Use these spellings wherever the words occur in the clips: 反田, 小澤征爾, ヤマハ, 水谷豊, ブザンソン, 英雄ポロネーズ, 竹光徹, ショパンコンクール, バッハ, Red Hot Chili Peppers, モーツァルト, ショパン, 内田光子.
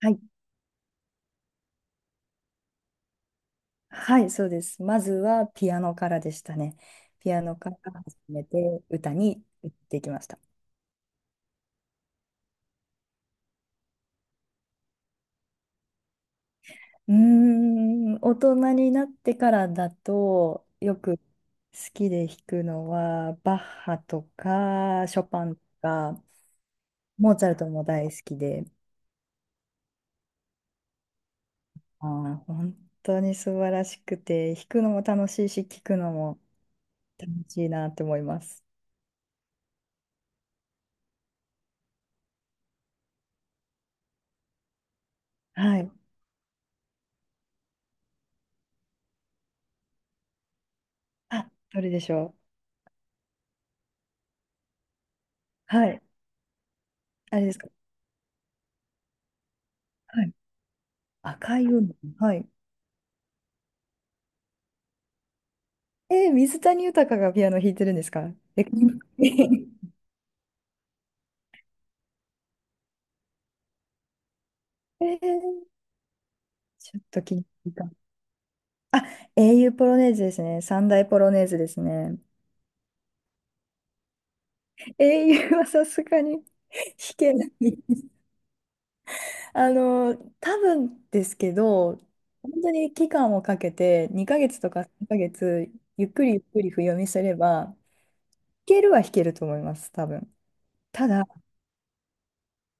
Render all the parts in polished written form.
はい、はい、そうです。まずはピアノからでしたね。ピアノから始めて歌に行っていきました。うーん、大人になってからだとよく好きで弾くのはバッハとかショパンとかモーツァルトも大好きで、本当に素晴らしくて弾くのも楽しいし聴くのも楽しいなと思います。はい。あ、どれでしょう。はい。あれですか。はい。赤い海。はい。えー、水谷豊がピアノ弾いてるんですか？ え、かっこいい。 えーちょっと気になるか。あ、英雄ポロネーズですね。三大ポロネーズですね。英雄はさすがに 弾けない。あの、多分ですけど、本当に期間をかけて、2ヶ月とか3ヶ月、ゆっくりゆっくり譜読みすれば、弾けるは弾けると思います、多分。ただ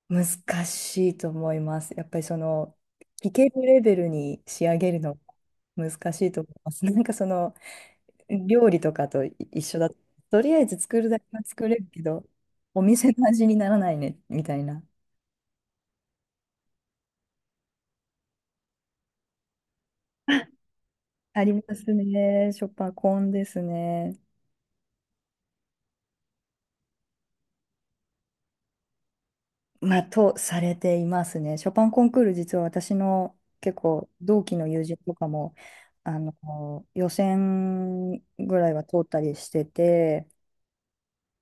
難しいと思います。やっぱりその聞けるレベルに仕上げるのが難しいと思います。なんかその料理とかと一緒だと、とりあえず作るだけは作れるけど、お店の味にならないねみたいな。ありますね。ショパンコンですね。まあ、とされていますね。ショパンコンクール、実は私の結構同期の友人とかも、予選ぐらいは通ったりしてて、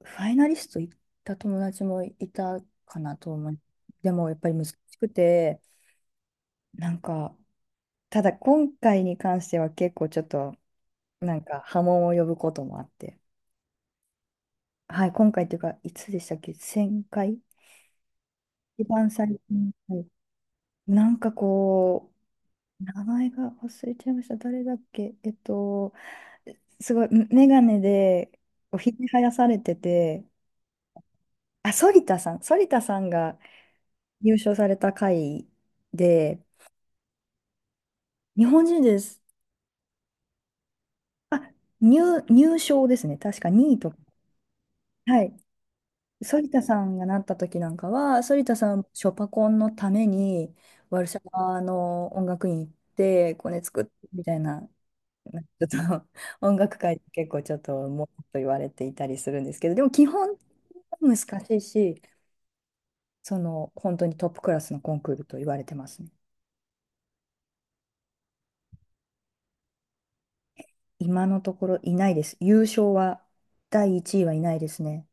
ファイナリスト行った友達もいたかなと思う。でもやっぱり難しくて、なんか、ただ今回に関しては結構ちょっと、なんか波紋を呼ぶこともあって。はい、今回っていうか、いつでしたっけ？ 1000 回一番最近。はい。なんかこう、名前が忘れちゃいました。誰だっけ。すごい、メガネで、おひげ生やされてて、あ、反田さん、反田さんが優勝された回で、日本人です。あ、入賞ですね。確か2位とか。はい。反田さんがなった時なんかは、反田さん、ショパコンのために、ワルシャワの音楽院行って、コネ作ってみたいな、なんかちょっと 音楽界で結構ちょっと、もっと言われていたりするんですけど、でも基本は難しいし、その、本当にトップクラスのコンクールと言われてますね。今のところいないです。優勝は、第1位はいないですね。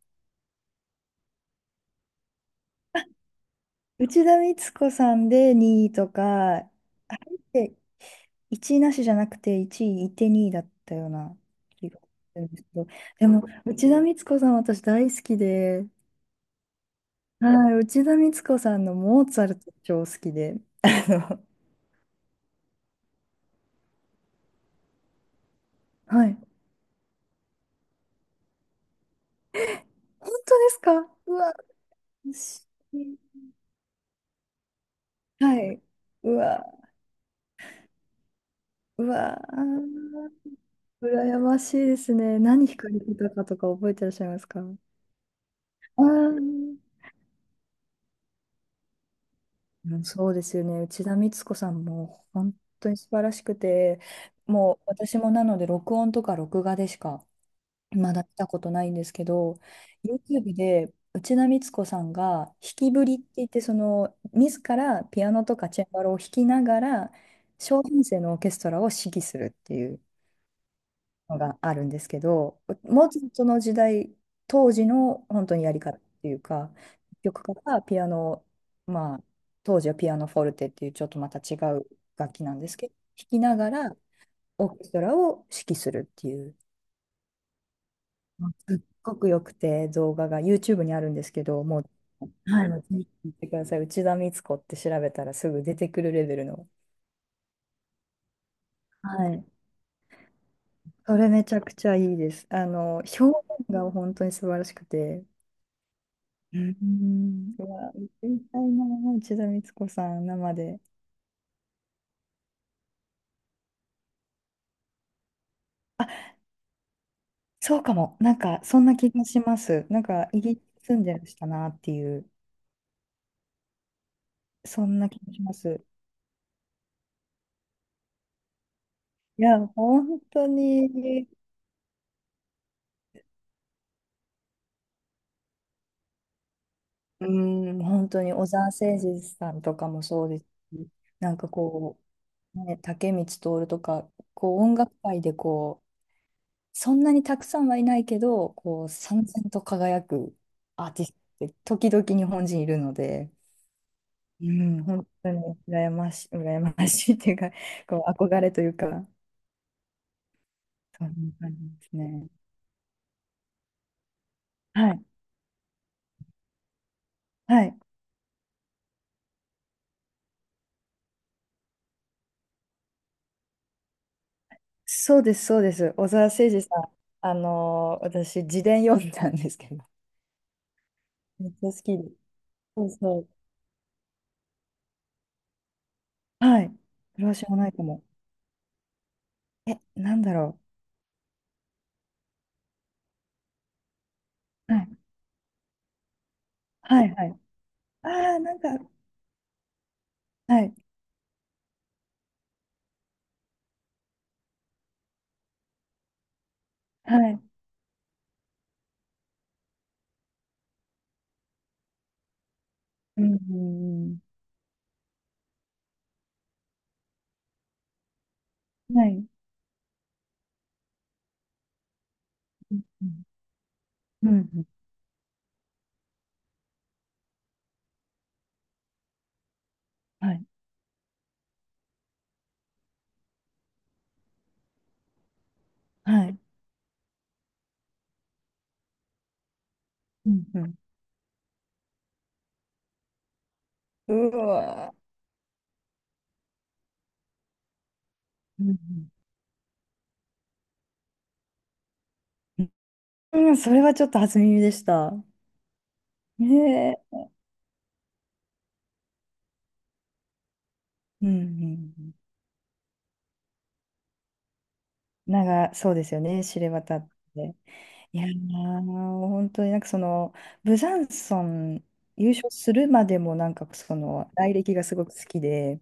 内田光子さんで2位とか、あれって1位なしじゃなくて1位いいて2位だったような気がするんですけど、でも内田光子さん私大好きで、はい、内田光子さんのモーツァルト超好きで、あの、はい。本当ですか？うわ、しはい。うわ、うわ、羨ましいですね。何惹かれてたかとか覚えてらっしゃいますか？ああー。うん、そうですよね。内田光子さんも本当に素晴らしくて、もう私もなので録音とか録画でしかまだ見たことないんですけど、YouTube で内田光子さんが弾きぶりって言って、その自らピアノとかチェンバロを弾きながら、小編成のオーケストラを指揮するっていうのがあるんですけど、もうちょっとその時代、当時の本当にやり方っていうか、作曲家がピアノ、まあ、当時はピアノフォルテっていうちょっとまた違う楽器なんですけど、弾きながらオーケストラを指揮するっていう、すっごくよくて、動画が YouTube にあるんですけど、もう、はい、もうぜひ見てください。内田光子って調べたらすぐ出てくるレベルの。はい。それめちゃくちゃいいです。あの、表現が本当に素晴らしくて。うん、うわ、行ってみたいな、内田光子さん、生で。あ、そうかも。なんか、そんな気がします。なんか、イギリス住んでらしたなっていう、そんな気がします。いや、本当に、うん、本当に、小澤征爾さんとかもそうですし、なんかこう、ね、竹光徹とか、こう、音楽界でこう、そんなにたくさんはいないけど、こう、燦然と輝くアーティストって、時々日本人いるので、うん、本当に羨ましい、羨ましいっていうか、こう憧れというか、そんな感じですね。はい、はい、そうです、そうです。小澤征爾さん、私、自伝読んだんですけど、めっちゃ好きで。そうそう。はい、プロシュもないかも。え、なんだろう。はい、はい、はい。ああ、なんか、はい、はい、うん、うんうんはい、うん、うん、うんはい、はい、うん、うん。うわー、うん、うんうん、それはちょっと初耳でした。ねえ。うんうんなんか、そうですよね、知れ渡って。いやー、本当になんかその、ブザンソン優勝するまでもなんかその、来歴がすごく好きで、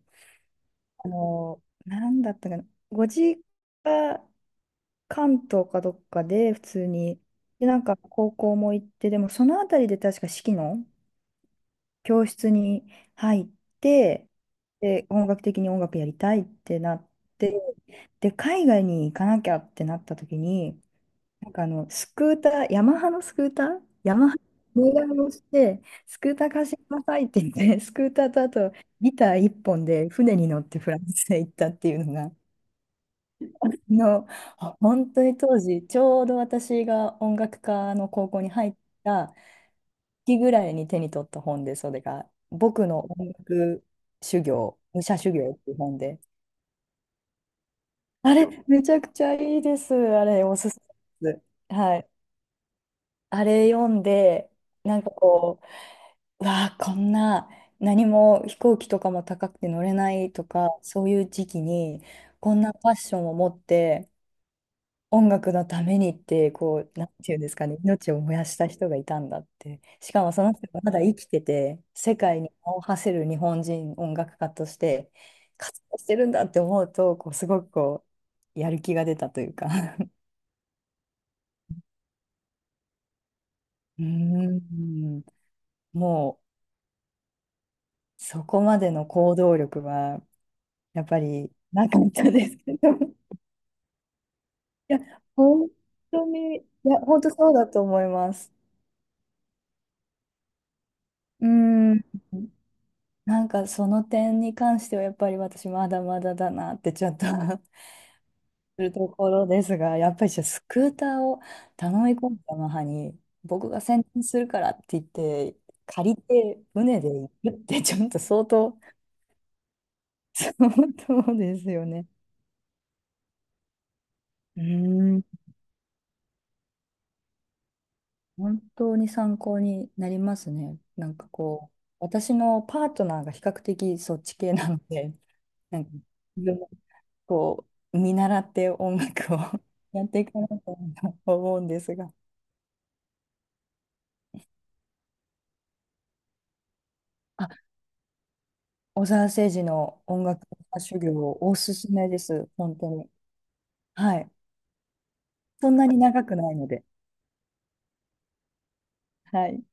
なんだったかな、ご実家、関東かどっかで普通に、で、なんか高校も行って、でもそのあたりで確か四季の、教室に入って、で、本格的に音楽やりたいってなって、で、海外に行かなきゃってなった時に、なんかあの、スクーター、ヤマハのスクーター、ヤマハの願いをして、スクーター貸してくださいって言って、スクーターとあとギター一本で船に乗ってフランスへ行ったっていうのが、の、本当に当時、ちょうど私が音楽科の高校に入った期ぐらいに手に取った本で、それが、僕の音楽修行、武者修行っていう本で、あれ、めちゃくちゃいいです。あれ、おすすめです。はい。あれ読んで、なんかこう、うわあ、こんな、何も飛行機とかも高くて乗れないとか、そういう時期に、こんなファッションを持って、音楽のためにって、こう、なんていうんですかね、命を燃やした人がいたんだって。しかもその人がまだ生きてて、世界に名を馳せる日本人音楽家として活動してるんだって思うと、こう、すごくこう、やる気が出たというか。 うーん、もう、そこまでの行動力は、やっぱりなかったですけど いや、本当に、いや、本当そうだと思います。うーん。なんかその点に関してはやっぱり私まだまだだなってちょっと するところですが、やっぱりじゃあスクーターを頼み込んだ母に僕が先伝するからって言って借りて船で行くってちょっと相当。 そうですよね。うーん、本当に参考になりますね。なんかこう、私のパートナーが比較的そっち系なので、なんか、自分もこう、見習って音楽を やっていかないと思うんですが。あ、小澤征爾の音楽家修行をおすすめです。本当に。はい。そんなに長くないので。はい。